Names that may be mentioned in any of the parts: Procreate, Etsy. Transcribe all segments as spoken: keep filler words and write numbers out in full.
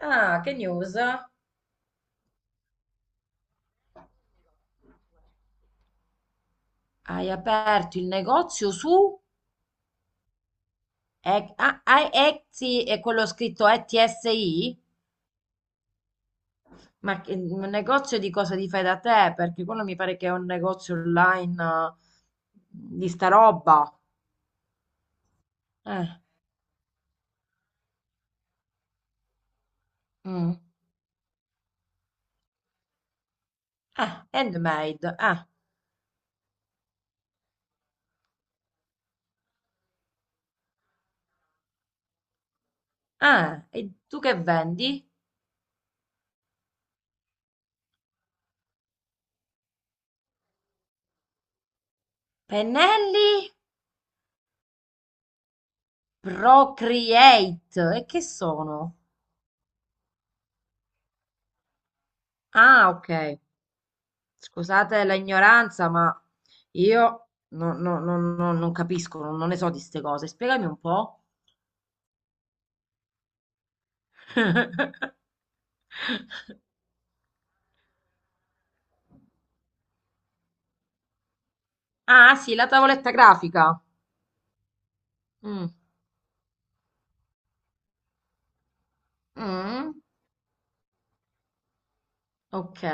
Ah, che news? Hai aperto il negozio su E- ah, ah, Etsy e quello scritto E T S I? Ma che- un negozio di cosa ti fai da te? Perché quello mi pare che è un negozio online, eh, di sta roba. Eh, mm. Eh, handmade. Eh, eh. E tu che vendi? Pennelli Procreate. E che sono? Ah, ok. Scusate la ignoranza, ma io non, non- non- non- non capisco, non, non ne so di queste cose. Spiegami un po'. Ah, sì, la tavoletta grafica. Mm. Mm. Ok,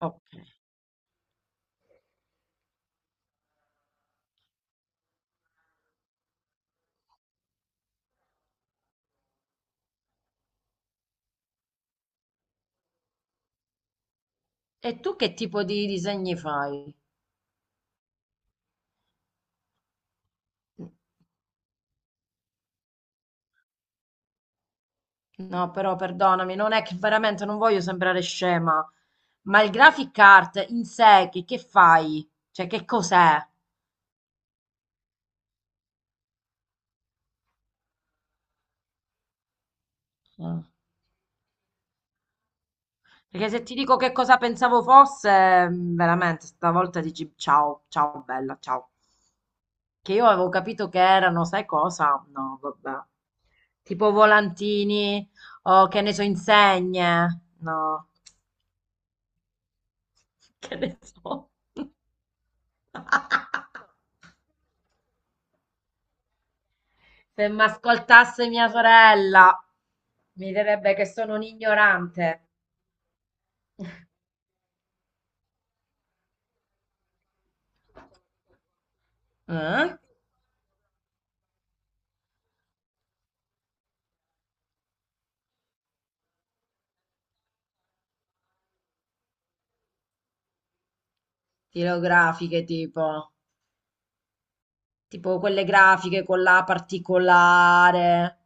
ok. E tu che tipo di disegni fai? No, però perdonami, non è che veramente non voglio sembrare scema, ma il graphic art in sé che, che fai? Cioè, che cos'è? Mm. Perché se ti dico che cosa pensavo fosse, mm, veramente, stavolta dici ciao, ciao bella, ciao. Che io avevo capito che erano, sai cosa? No, vabbè. Tipo volantini o che ne so, insegne. No, che ne so. Se mi ascoltasse mia sorella, mi direbbe che sono un ignorante. Eh? Tirografiche tipo, tipo quelle grafiche con la particolare.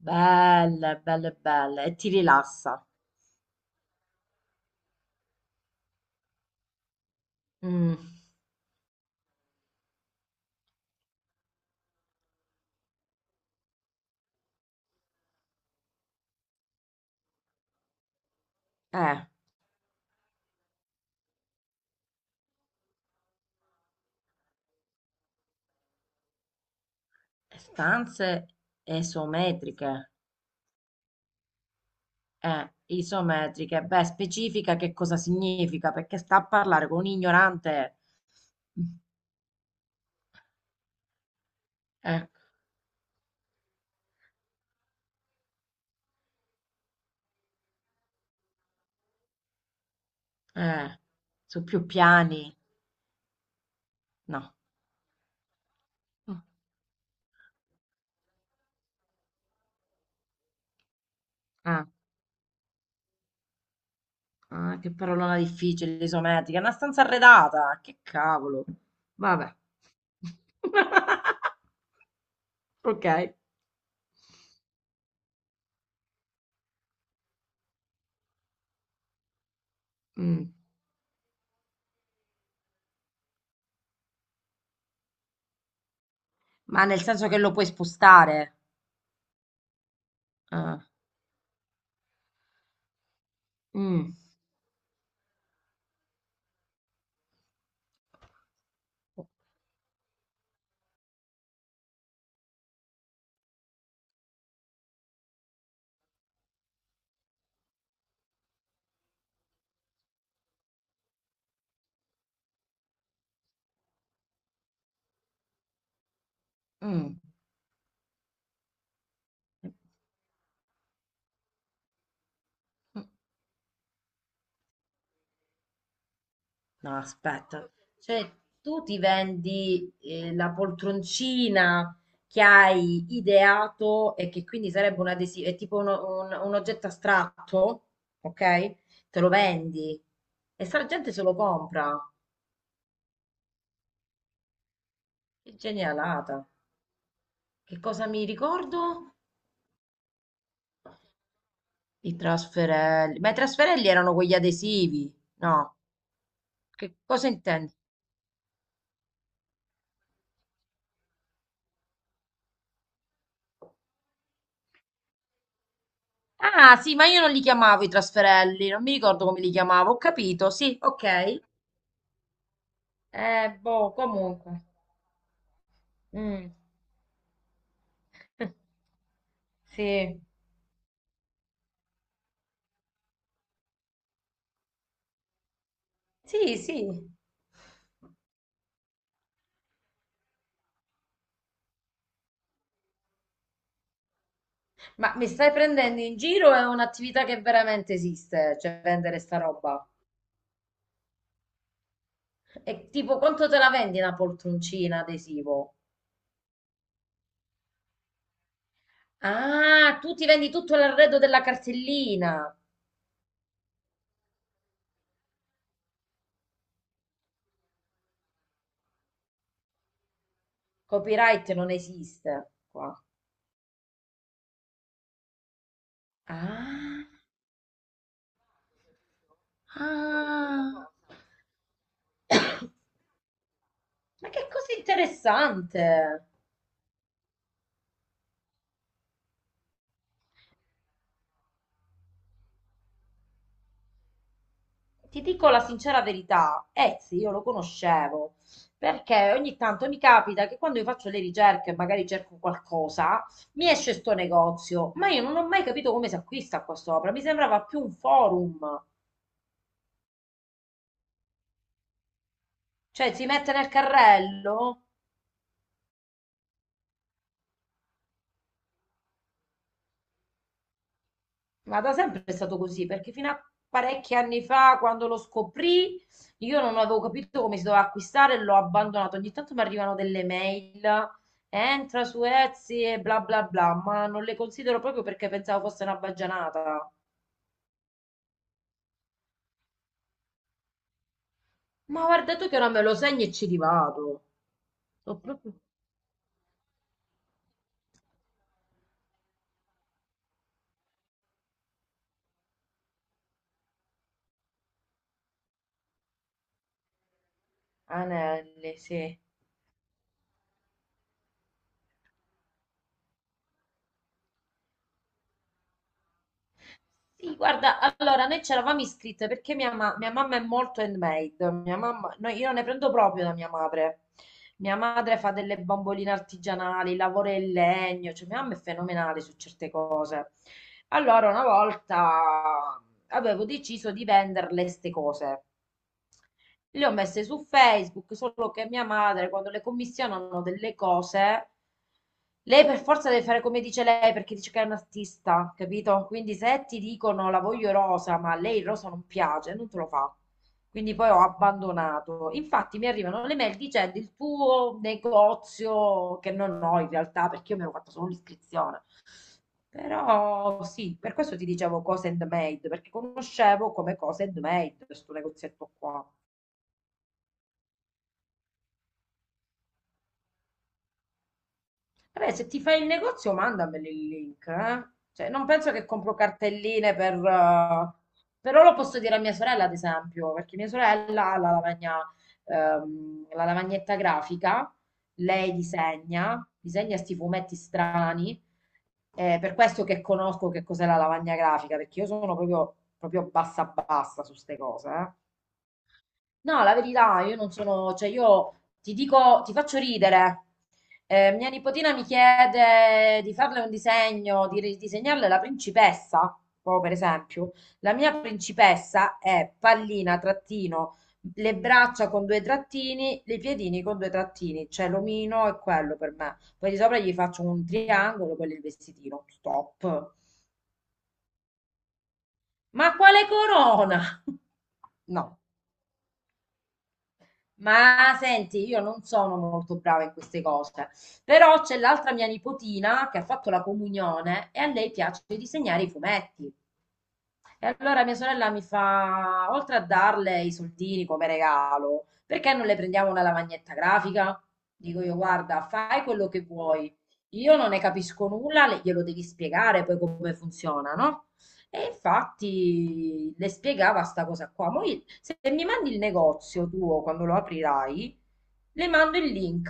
Belle, belle, belle. E ti rilassa. Mm. Eh, stanze esometriche. Eh, isometriche. Beh, specifica che cosa significa, perché sta a parlare con un ignorante. Eh, eh, su più piani. No. Ah, ah, che parolona difficile, isometrica. È una stanza arredata. Che cavolo. Vabbè. Ok. Mm. Ma nel senso che lo puoi spostare. Ah, mm, mm. No, aspetta. Cioè, tu ti vendi, eh, la poltroncina che hai ideato e che quindi sarebbe un adesivo, è tipo uno- un, un oggetto astratto, ok? Te lo vendi e sta gente se lo compra. Che genialata. Che cosa mi ricordo? I trasferelli. Ma i trasferelli erano quegli adesivi, no? Che cosa intendi? Ah, sì, ma io non li chiamavo i trasferelli, non mi ricordo come li chiamavo, ho capito, sì, ok. Eh, boh, comunque. Mm. Sì, sì, sì. Ma mi stai prendendo in giro? È un'attività che veramente esiste, cioè vendere sta roba. E tipo, quanto te la vendi una poltroncina adesivo? Ah, tu ti vendi tutto l'arredo della cartellina. Copyright non esiste qua. Ah. Ah, ma che cosa interessante! Ti dico la sincera verità, Etsy io lo conoscevo perché ogni tanto mi capita che quando io faccio le ricerche, magari cerco qualcosa, mi esce sto negozio, ma io non ho mai capito come si acquista qua sopra. Mi sembrava più un forum, cioè si mette nel carrello. Ma da sempre è stato così, perché fino a parecchi anni fa, quando lo scoprì, io non avevo capito come si doveva acquistare e l'ho abbandonato. Ogni tanto mi arrivano delle mail, entra su Etsy e bla bla bla, ma non le considero proprio perché pensavo fosse una baggianata. Ma guarda tu che ora me lo segni e ci rivado. Sono proprio anelli, sì. Sì, guarda, allora noi ci eravamo iscritte perché mia, ma- mia mamma è molto handmade. Mia mamma, no, io ne prendo proprio da mia madre. Mia madre fa delle bamboline artigianali, lavora in legno, cioè mia mamma è fenomenale su certe cose. Allora, una volta avevo deciso di venderle ste cose. Le ho messe su Facebook, solo che mia madre, quando le commissionano delle cose, lei per forza deve fare come dice lei, perché dice che è un artista, capito? Quindi se ti dicono la voglio rosa, ma a lei il rosa non piace, non te lo fa. Quindi poi ho abbandonato. Infatti mi arrivano le mail dicendo il tuo negozio, che non ho in realtà, perché io mi ero fatta solo l'iscrizione. Però sì, per questo ti dicevo cose handmade, perché conoscevo come cose handmade questo negozietto qua. Vabbè, se ti fai il negozio, mandameli il link, eh. Cioè, non penso che compro cartelline per... eh, però lo posso dire a mia sorella, ad esempio, perché mia sorella ha la lavagna, ehm, la lavagnetta grafica, lei disegna, disegna sti fumetti strani, eh, per questo che conosco che cos'è la lavagna grafica, perché io sono proprio, proprio bassa bassa su ste cose, eh. No, la verità, io non sono, cioè io ti dico, ti faccio ridere. Eh, mia nipotina mi chiede di farle un disegno, di ridisegnarle la principessa, proprio per esempio. La mia principessa è pallina, trattino, le braccia con due trattini, i piedini con due trattini, cioè l'omino è quello per me. Poi di sopra gli faccio un triangolo, quello è il vestitino, stop. Ma quale corona? No. Ma senti, io non sono molto brava in queste cose, però c'è l'altra mia nipotina che ha fatto la comunione e a lei piace disegnare i fumetti. E allora mia sorella mi fa, oltre a darle i soldini come regalo, perché non le prendiamo una lavagnetta grafica? Dico io, guarda, fai quello che vuoi. Io non ne capisco nulla, le- glielo devi spiegare poi come funziona, no? E infatti le spiegava sta cosa qua. Mo io- se mi mandi il negozio tuo quando lo aprirai, le mando il link.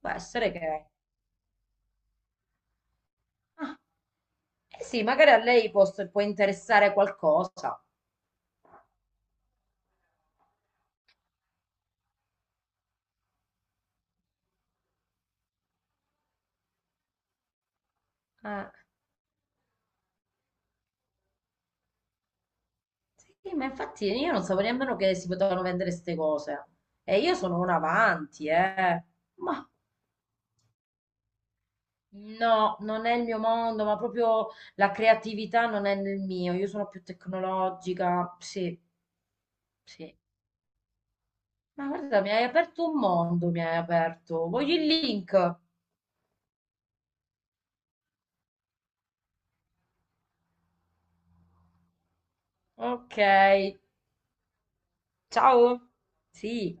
Può essere che... Ah, eh sì, magari a lei può può interessare qualcosa. Eh. Sì, ma infatti io non sapevo nemmeno che si potevano vendere queste cose. E io sono una avanti, eh. Ma no, non è il mio mondo, ma proprio la creatività non è nel mio. Io sono più tecnologica. Sì, sì. Ma guarda, mi hai aperto un mondo, mi hai aperto. Voglio il link. Ok, ciao. Sì.